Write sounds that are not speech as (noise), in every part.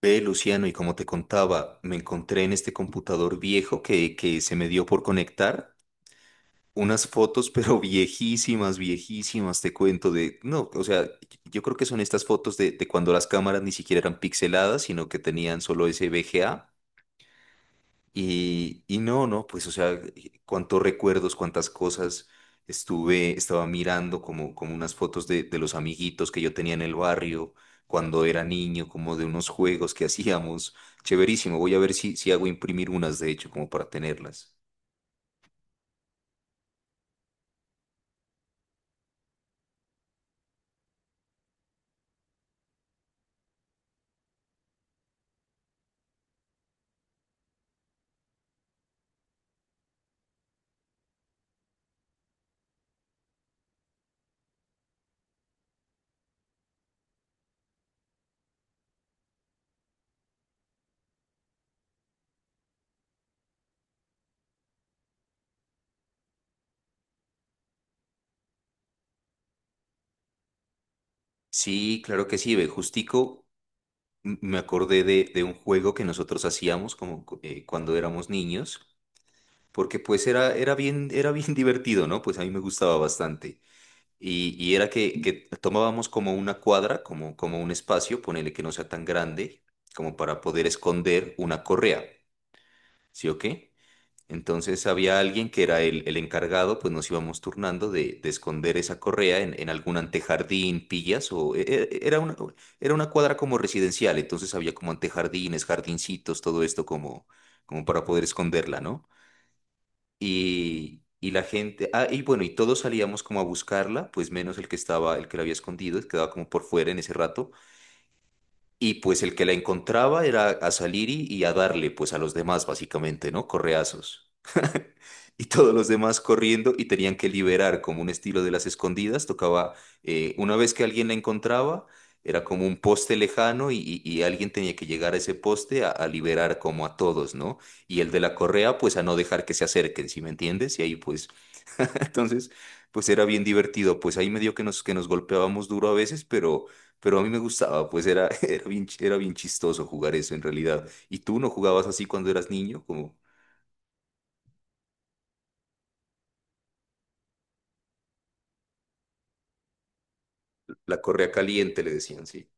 Ve, Luciano, y como te contaba, me encontré en este computador viejo que se me dio por conectar unas fotos, pero (laughs) viejísimas, viejísimas, te cuento de, no, o sea, yo creo que son estas fotos de cuando las cámaras ni siquiera eran pixeladas, sino que tenían solo ese VGA. Y no, no, pues, o sea, cuántos recuerdos, cuántas cosas estaba mirando como, como unas fotos de los amiguitos que yo tenía en el barrio cuando era niño, como de unos juegos que (laughs) hacíamos. Chéverísimo, voy a ver si hago imprimir unas, de hecho, como para tenerlas. Sí, claro que sí, ve, justico me acordé de un juego que nosotros hacíamos como cuando éramos niños, porque pues era bien (laughs) divertido, ¿no? Pues a mí me gustaba bastante. Y era que tomábamos como una cuadra, como, como un espacio, ponele que no sea tan grande, como para poder esconder una correa, ¿sí o qué? Entonces había alguien que era el encargado, pues nos íbamos turnando de esconder esa correa en algún antejardín, pillas, o e- e- era una cuadra como residencial, entonces había como antejardines, jardincitos, todo esto como, como para poder esconderla, ¿no? Y la gente, ah, y bueno, y todos salíamos como a buscarla, pues menos el que estaba, el que la había escondido, quedaba como por fuera en ese rato. Y pues el que la encontraba era a salir y a darle pues a los demás básicamente, ¿no? Correazos. (laughs) Y todos los demás corriendo y tenían que liberar como un estilo de las escondidas. Tocaba, una vez que alguien la encontraba, era como un poste lejano y, y alguien tenía que llegar a ese poste a liberar como a todos, ¿no? Y el de la correa pues a no dejar que se acerquen, ¿sí me entiendes? Y ahí pues, (laughs) entonces pues era bien divertido. Pues ahí medio que nos golpeábamos duro a veces, pero... Pero a mí me gustaba, pues era, (laughs) era bien chistoso jugar eso en realidad. ¿Y tú no jugabas así cuando eras niño? Como la correa caliente, le decían, sí.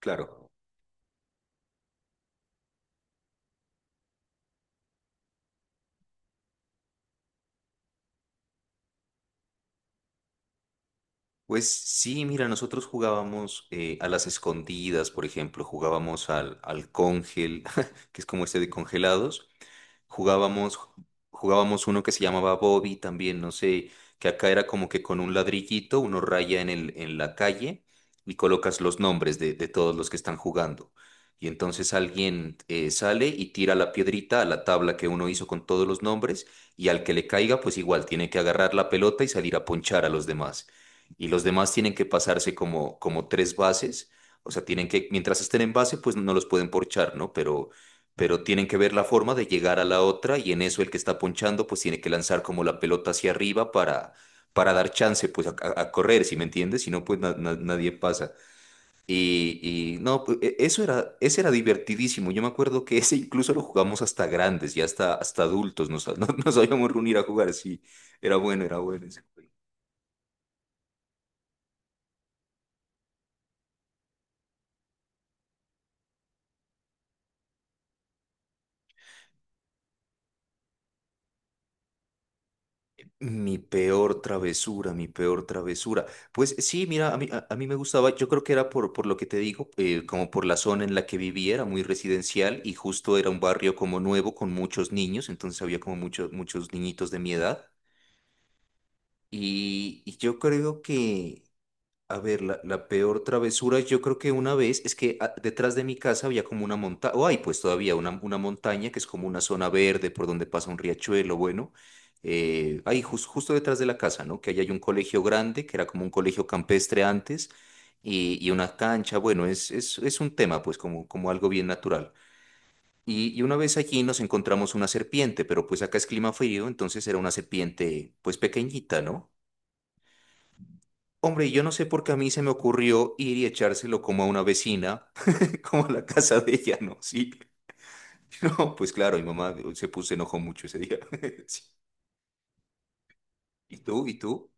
Claro. Pues sí, mira, nosotros jugábamos a las escondidas, por ejemplo, jugábamos al cóngel, (laughs) que es como este de congelados. Jugábamos, jugábamos uno que se llamaba Bobby también, no sé, que acá era como que con un ladrillito uno raya en en la calle y colocas los nombres de todos los que están jugando. Y entonces alguien sale y tira la piedrita a la tabla que uno hizo con todos los nombres y al que le caiga, pues igual tiene que agarrar la pelota y salir a ponchar a los demás. Y los demás tienen que pasarse como, como tres bases, o sea, tienen que, mientras estén en base, pues no los pueden porchar, ¿no? Pero tienen que ver la forma de llegar a la otra y en eso el que está ponchando pues tiene que lanzar como la pelota hacia arriba para dar chance pues a, correr, ¿si me entiendes? Si no pues nadie pasa. Y no, pues, eso era, ese era divertidísimo. Yo me acuerdo que ese incluso lo jugamos hasta grandes y hasta, hasta adultos. Nos, (laughs) nos habíamos reunir a jugar, sí. Era bueno, era bueno. Sí. Mi peor travesura, mi peor travesura. Pues sí, mira, a mí me gustaba, yo creo que era por lo que te digo, como por la zona en la que vivía, era muy residencial y justo era un barrio como nuevo con muchos niños, entonces había como muchos, muchos niñitos de mi edad. Y yo creo que a ver, la peor travesura, yo creo que una vez es que ah, detrás de mi casa había como una montaña, o hay pues todavía una montaña que es como una zona verde por donde pasa un riachuelo, bueno, ahí justo detrás de la casa, ¿no? Que ahí hay un colegio grande, que era como un colegio campestre antes, y una cancha, bueno, es un tema pues como, como algo bien natural. Y una vez allí nos encontramos una serpiente, pero pues acá es clima frío, entonces era una serpiente pues pequeñita, ¿no? Hombre, yo no sé por qué a mí se me ocurrió ir y echárselo como a una vecina, (laughs) como a la casa de ella, ¿no? Sí. (laughs) No, pues claro, mi mamá se enojó mucho ese día. (laughs) Sí. ¿Y tú? ¿Y tú?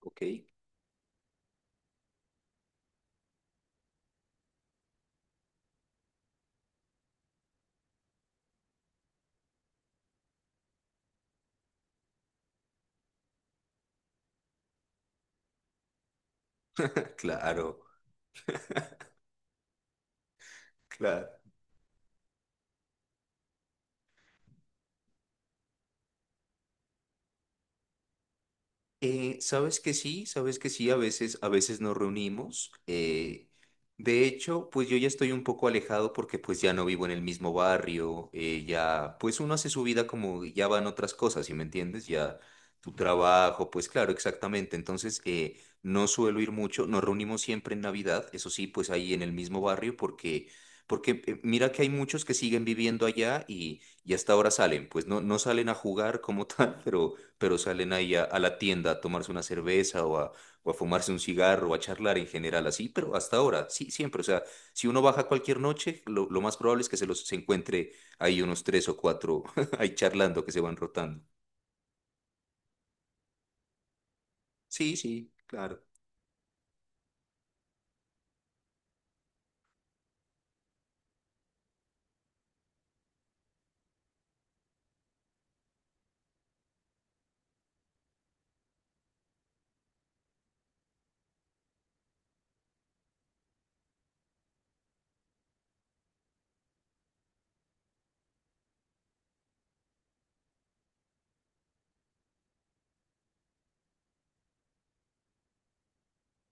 Ok. (laughs) Claro, claro. Sabes que sí, a veces nos reunimos. Eh, de hecho, pues yo ya estoy un poco alejado porque pues ya no vivo en el mismo barrio, ya, pues uno hace su vida como ya van otras cosas, ¿sí me entiendes? Ya tu trabajo, pues claro, exactamente. Entonces, no suelo ir mucho, nos reunimos siempre en Navidad, eso sí, pues ahí en el mismo barrio porque... Porque mira que hay muchos que siguen viviendo allá y hasta ahora salen, pues no, no salen a jugar como tal, (laughs) pero salen ahí a la tienda a tomarse una cerveza o a fumarse un cigarro o a charlar en general así, pero hasta ahora, sí, siempre, o sea, si uno baja cualquier noche, lo más probable es que se los se encuentre ahí unos tres o cuatro (laughs) ahí charlando que se van rotando. Sí, sí, claro.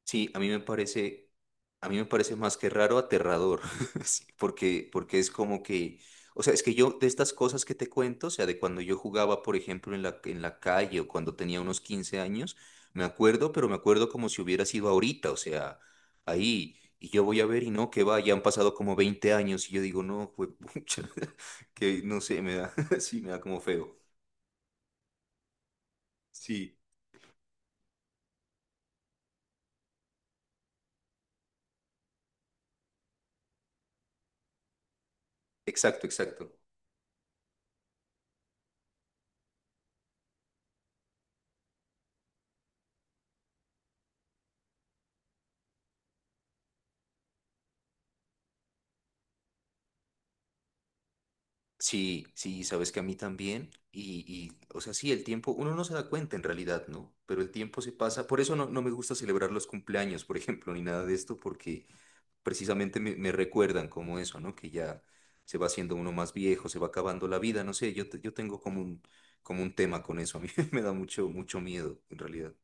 Sí, a mí me parece más que raro, aterrador, (laughs) sí, porque, porque es como que, o sea, es que yo de estas cosas que te cuento, o sea, de cuando yo jugaba, por ejemplo, en la calle o cuando tenía unos 15 años, me acuerdo, pero me acuerdo como si hubiera sido ahorita, o sea, ahí, y yo voy a ver y no, que va, ya han pasado como 20 años y yo digo, no, fue (laughs) que no sé, me da, (laughs) sí, me da como feo. Sí, exacto, exacto. Sí, sí, sabes que a mí también. Y, o sea, sí, el tiempo, uno no se da cuenta en realidad, ¿no? Pero el tiempo se pasa. Por eso no, no me gusta celebrar los cumpleaños, por ejemplo, ni nada de esto, porque precisamente me recuerdan como eso, ¿no? Que ya se va haciendo uno más viejo, se va acabando la vida, no sé, yo tengo como un tema con eso. (laughs) A mí me da mucho, mucho miedo, en realidad.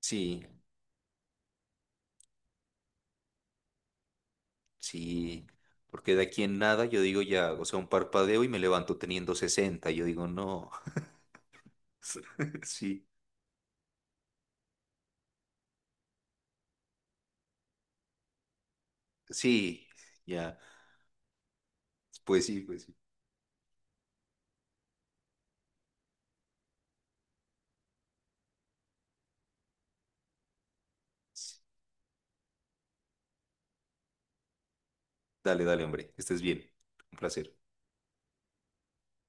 Sí, sí, porque de aquí en nada yo digo ya, o sea, un parpadeo y me levanto teniendo 60. Yo digo, no, (laughs) sí. Sí, ya. Pues sí, pues sí. Dale, dale, hombre. Estés bien. Un placer.